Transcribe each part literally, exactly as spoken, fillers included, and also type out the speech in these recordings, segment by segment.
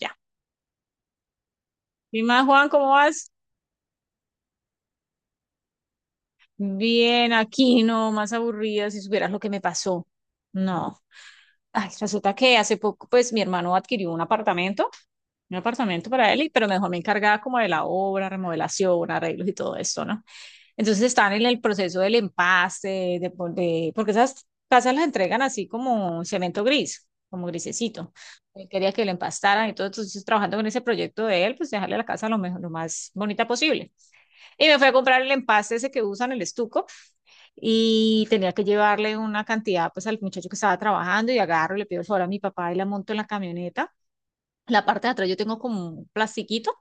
Ya. ¿Y más, Juan, cómo vas? Bien, aquí no, más aburrida si supieras lo que me pasó. No. Ay, resulta que hace poco, pues, mi hermano adquirió un apartamento, un apartamento para él, y- pero mejor me encargaba como de la obra, remodelación, arreglos y todo esto, ¿no? Entonces están en el proceso del empaste, de, pon- de- porque esas casas las entregan así como cemento gris, como grisecito. Él quería que lo empastaran y todo, entonces trabajando con ese proyecto de él, pues dejarle la casa lo mejor, lo más bonita posible. Y me fui a comprar el empaste ese que usan, el estuco, y tenía que llevarle una cantidad pues al muchacho que estaba trabajando y agarro, le pido el favor a mi papá y la monto en la camioneta. La parte de atrás yo tengo como un plastiquito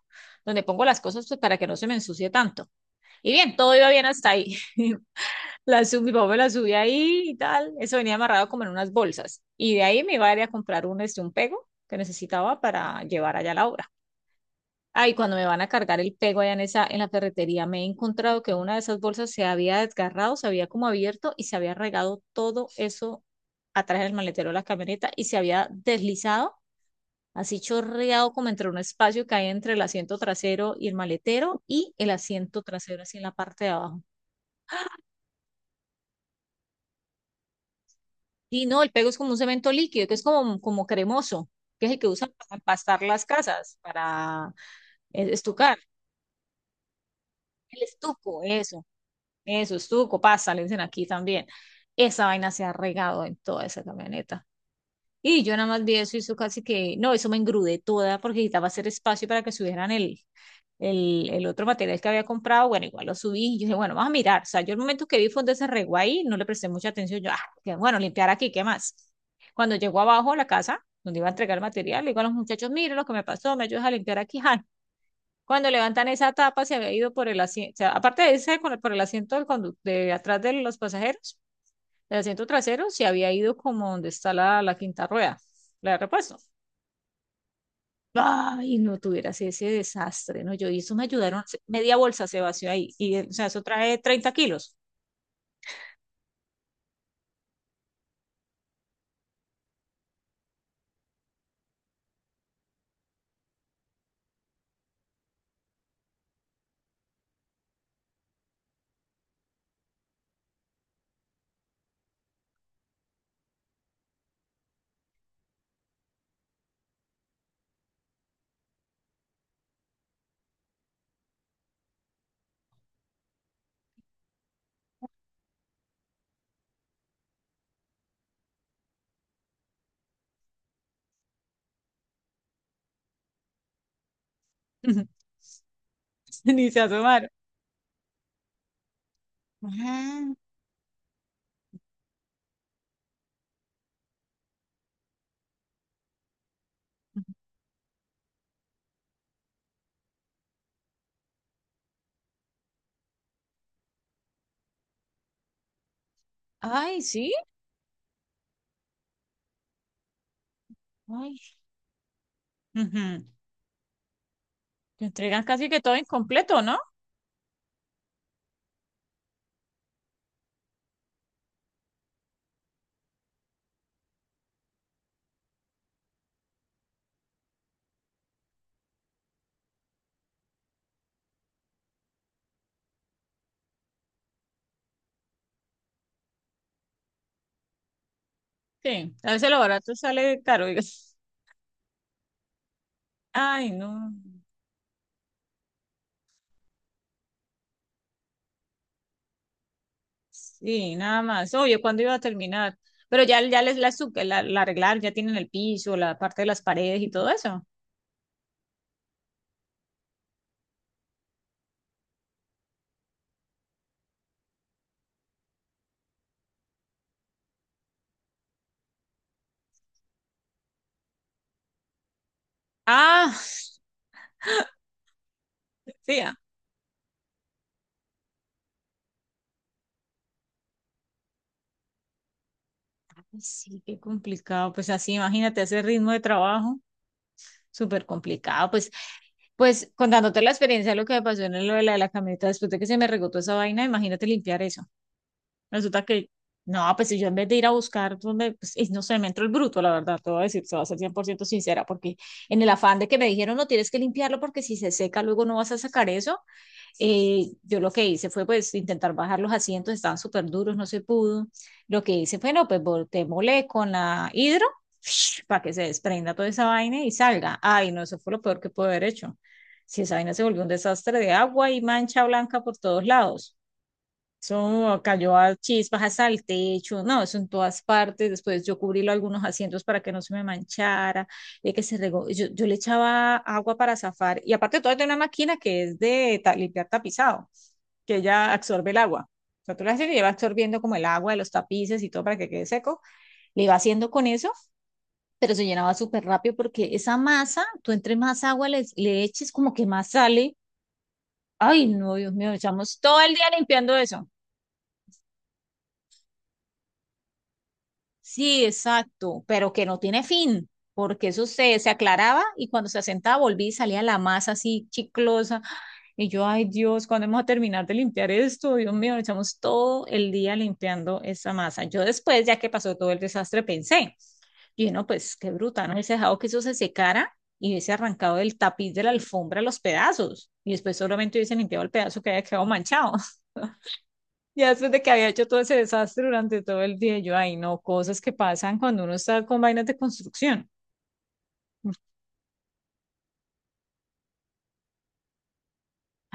donde pongo las cosas pues, para que no se me ensucie tanto. Y bien, todo iba bien hasta ahí. La sub, mi papá me la subí ahí y tal. Eso venía amarrado como en unas bolsas. Y de ahí me iba a ir a comprar un, este, un pego que necesitaba para llevar allá a la obra. Ay, cuando me van a cargar el pego allá en esa, en la ferretería, me he encontrado que una de esas bolsas se había desgarrado, se había como abierto y se había regado todo eso atrás del maletero de la camioneta y se había deslizado, así chorreado como entre un espacio que hay entre el asiento trasero y el maletero y el asiento trasero así en la parte de abajo. Y no, el pego es como un cemento líquido, que es como, como cremoso, que es el que usan para empastar las casas, para eh, estucar, el estuco, eso. Eso, estuco, pasa, le dicen aquí también. Esa vaina se ha regado en toda esa camioneta. Y yo nada más vi eso y eso casi que, no, eso me engrudé toda porque necesitaba hacer espacio para que subieran el, el, el otro material que había comprado. Bueno, igual lo subí y yo dije, bueno, vamos a mirar. O sea, yo el momento que vi fue donde se regó ahí, no le presté mucha atención. Yo, ah, que bueno, limpiar aquí, ¿qué más? Cuando llegó abajo a la casa, donde iba a entregar el material, le digo a los muchachos, miren lo que me pasó, me ayudas a limpiar aquí. Ah, cuando levantan esa tapa, se había ido por el asiento, aparte de ese, con el- por el asiento del condu- de atrás de los pasajeros, el asiento trasero se había ido como donde está la, la quinta rueda, la de repuesto. Ay, no tuvieras ese desastre, ¿no? Yo, y eso me ayudaron, se- media bolsa se vació ahí, y eh, o sea, eso trae treinta kilos. Ni se asomaron. Ajá. Ay, sí, ay, ujú. Te entregan casi que todo incompleto, ¿no? Sí, a veces lo barato sale caro, digo. Ay, no. Sí, nada más. Obvio, ¿cuándo iba a terminar? Pero ya, ya les la, su- la, la arreglaron, ya tienen el piso, la parte de las paredes y todo eso. Ah, sí, ah, sí, qué complicado. Pues así, imagínate ese ritmo de trabajo, súper complicado. Pues, pues contándote la experiencia, de lo que me pasó en lo de la, de la camioneta, después de que se me regotó esa vaina, imagínate limpiar eso. Resulta que, no, pues si yo en vez de ir a buscar donde, pues, y no sé, me entró el bruto, la verdad, te voy a decir, se va a ser cien por ciento sincera, porque en el afán de que me dijeron, no tienes que limpiarlo porque si se seca luego no vas a sacar eso, eh, yo lo que hice fue pues intentar bajar los asientos, estaban súper duros, no se pudo. Lo que hice fue, no, pues volteémosle con la hidro para que se desprenda toda esa vaina y salga. Ay, no, eso fue lo peor que pude haber hecho. Si esa vaina se volvió un desastre de agua y mancha blanca por todos lados. Eso cayó a chispas, hasta el techo, no, eso en todas partes. Después yo cubrí lo- algunos asientos para que no se me manchara, de que se regó. Yo, yo le echaba agua para zafar. Y aparte de todo, tengo una máquina que es de ta- limpiar tapizado, que ella absorbe el agua. O sea, tú la haces y lleva absorbiendo como el agua de los tapices y todo para que quede seco. Le iba haciendo con eso, pero se llenaba súper rápido porque esa masa, tú entre más agua le, le eches, como que más sale. Ay, no, Dios mío, echamos todo el día limpiando eso. Sí, exacto, pero que no tiene fin, porque eso se, se aclaraba y cuando se asentaba volví y salía la masa así chiclosa. Y yo, ay Dios, ¿cuándo vamos a terminar de limpiar esto? Dios mío, echamos todo el día limpiando esa masa. Yo después, ya que pasó todo el desastre, pensé, y no, pues qué bruta, no hubiese dejado que eso se secara y hubiese arrancado del tapiz de la alfombra los pedazos y después solamente hubiese limpiado el pedazo que había quedado manchado. Ya después de que había hecho todo ese desastre durante todo el día, yo, ay, no, cosas que pasan cuando uno está con vainas de construcción.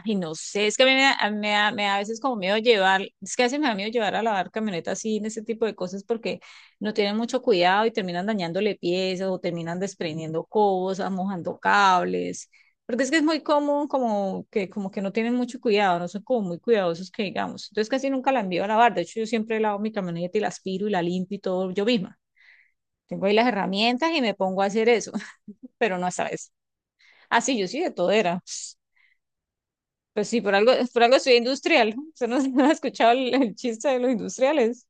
Ay, no sé, es que a mí me da, a mí me da, me da a veces como miedo llevar, es que a veces me da miedo llevar a lavar camionetas así en ese tipo de cosas porque no tienen mucho cuidado y terminan dañándole piezas o terminan desprendiendo cosas, mojando cables, porque es que es muy común como que, como que no tienen mucho cuidado, no son como muy cuidadosos que digamos. Entonces casi nunca la envío a lavar, de hecho yo siempre lavo mi camioneta y la aspiro y la limpio y todo yo misma. Tengo ahí las herramientas y me pongo a hacer eso, pero no sabes. Ah, sí, yo sí de todo era. Pues sí, por algo, por algo soy industrial. Usted no, no ha escuchado el, el chiste de los industriales,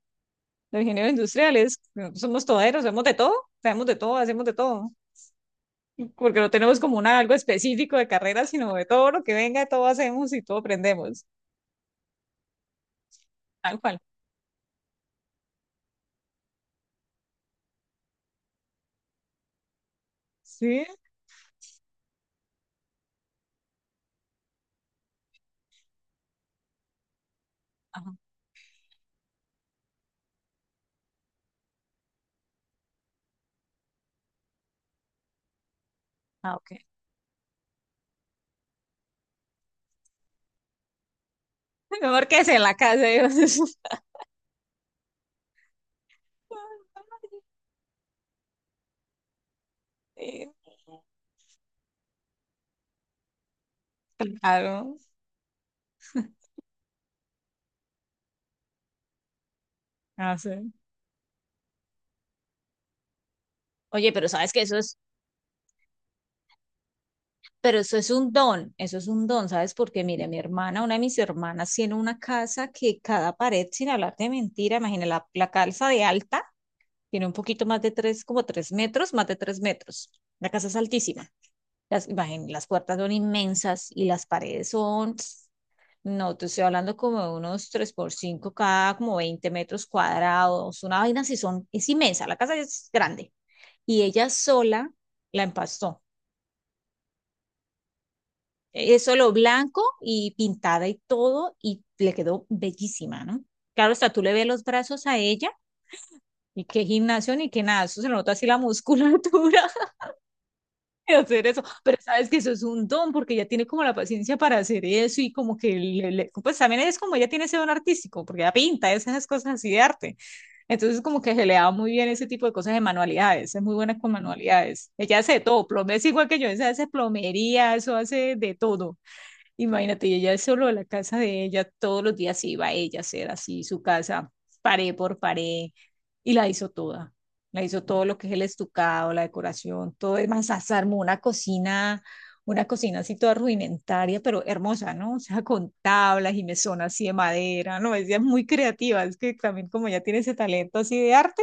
los ingenieros industriales. No, somos toderos, hacemos de todo, sabemos de todo, hacemos de todo. Porque no tenemos como una, algo específico de carrera, sino de todo lo que venga, todo hacemos y todo aprendemos. Tal cual. Sí. Ajá. Ah, ok. Mejor que en la casa. yo. Sí, claro. Ah, sí. Oye, pero sabes que eso es Pero eso es un don, eso es un don, ¿sabes? Porque mire, mi hermana, una de mis hermanas tiene una casa que cada pared, sin hablar de mentira, imagina la, la calza de alta, tiene un poquito más de tres, como tres metros, más de tres metros. La casa es altísima. Las, imagín- las puertas son inmensas y las paredes son, no, te estoy hablando como de unos tres por cinco cada, como veinte metros cuadrados, una vaina así son, es inmensa, la casa es grande. Y ella sola la empastó. Eh, es solo blanco y pintada y todo, y le quedó bellísima, ¿no? Claro, hasta tú le ves los brazos a ella, y qué gimnasio ni qué nada, eso se nota así la musculatura de hacer eso, pero sabes que eso es un don, porque ella tiene como la paciencia para hacer eso, y como que, le- le- pues también es como ella tiene ese don artístico, porque ella pinta esas cosas así de arte. Entonces, como que se le da muy bien ese tipo de cosas de manualidades, es muy buena con manualidades. Ella hace de todo, plomería es igual que yo, ella hace plomería, eso hace de todo. Imagínate, y ella es solo de la casa de ella, todos los días iba ella a hacer así su casa, pared por pared, y la hizo toda. La hizo todo lo que es el estucado, la decoración, todo es más, hasta armó una cocina, una cocina así toda rudimentaria, pero hermosa, ¿no? O sea, con tablas y mesón así de madera, ¿no? Ella es muy creativa, es que también como ya tiene ese talento así de arte,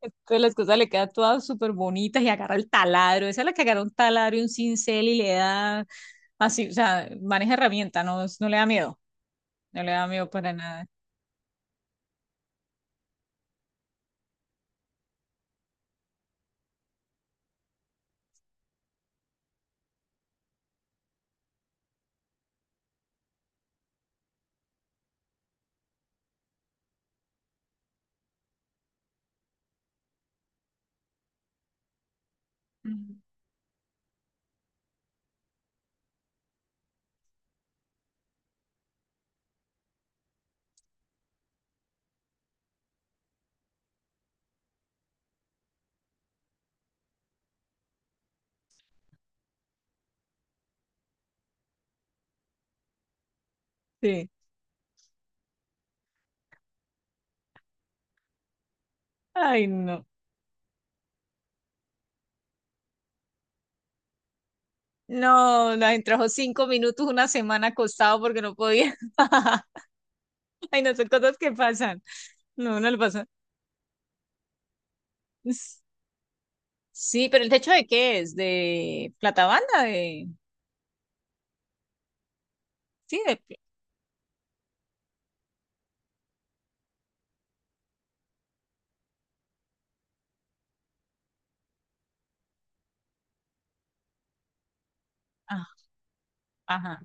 entonces las cosas le quedan todas súper bonitas y agarra el taladro, esa es la que agarra un taladro y un cincel y le da. Así, o sea, maneja herramienta, no, es- no le da miedo, no le da miedo para nada. Mm. Sí. Ay, no. No, la trabajó cinco minutos una semana acostado porque no podía. Ay, no son cosas que pasan. No, no le pasa. S- Sí, pero el techo ¿de qué es? ¿De platabanda? De. Sí, de. pl- Ah, ajá.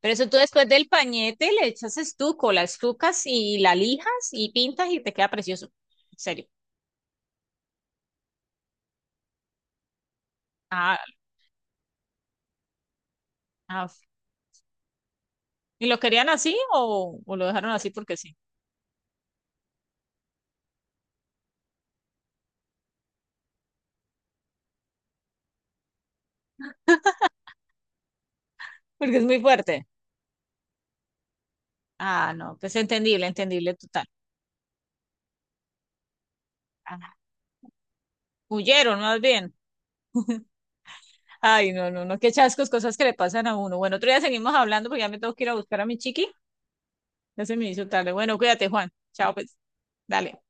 Pero eso tú después del pañete le echas estuco, la estucas y la lijas y pintas y te queda precioso. En serio. Ah, ah, ¿y lo querían así o, o lo dejaron así porque sí? Porque es muy fuerte. Ah, no, pues entendible, entendible total. Ah, huyeron más bien. Ay, no, no, no, qué chascos, cosas que le pasan a uno. Bueno, otro día seguimos hablando porque ya me tengo que ir a buscar a mi chiqui. Ya se me hizo tarde. Bueno, cuídate, Juan. Chao, pues. Dale.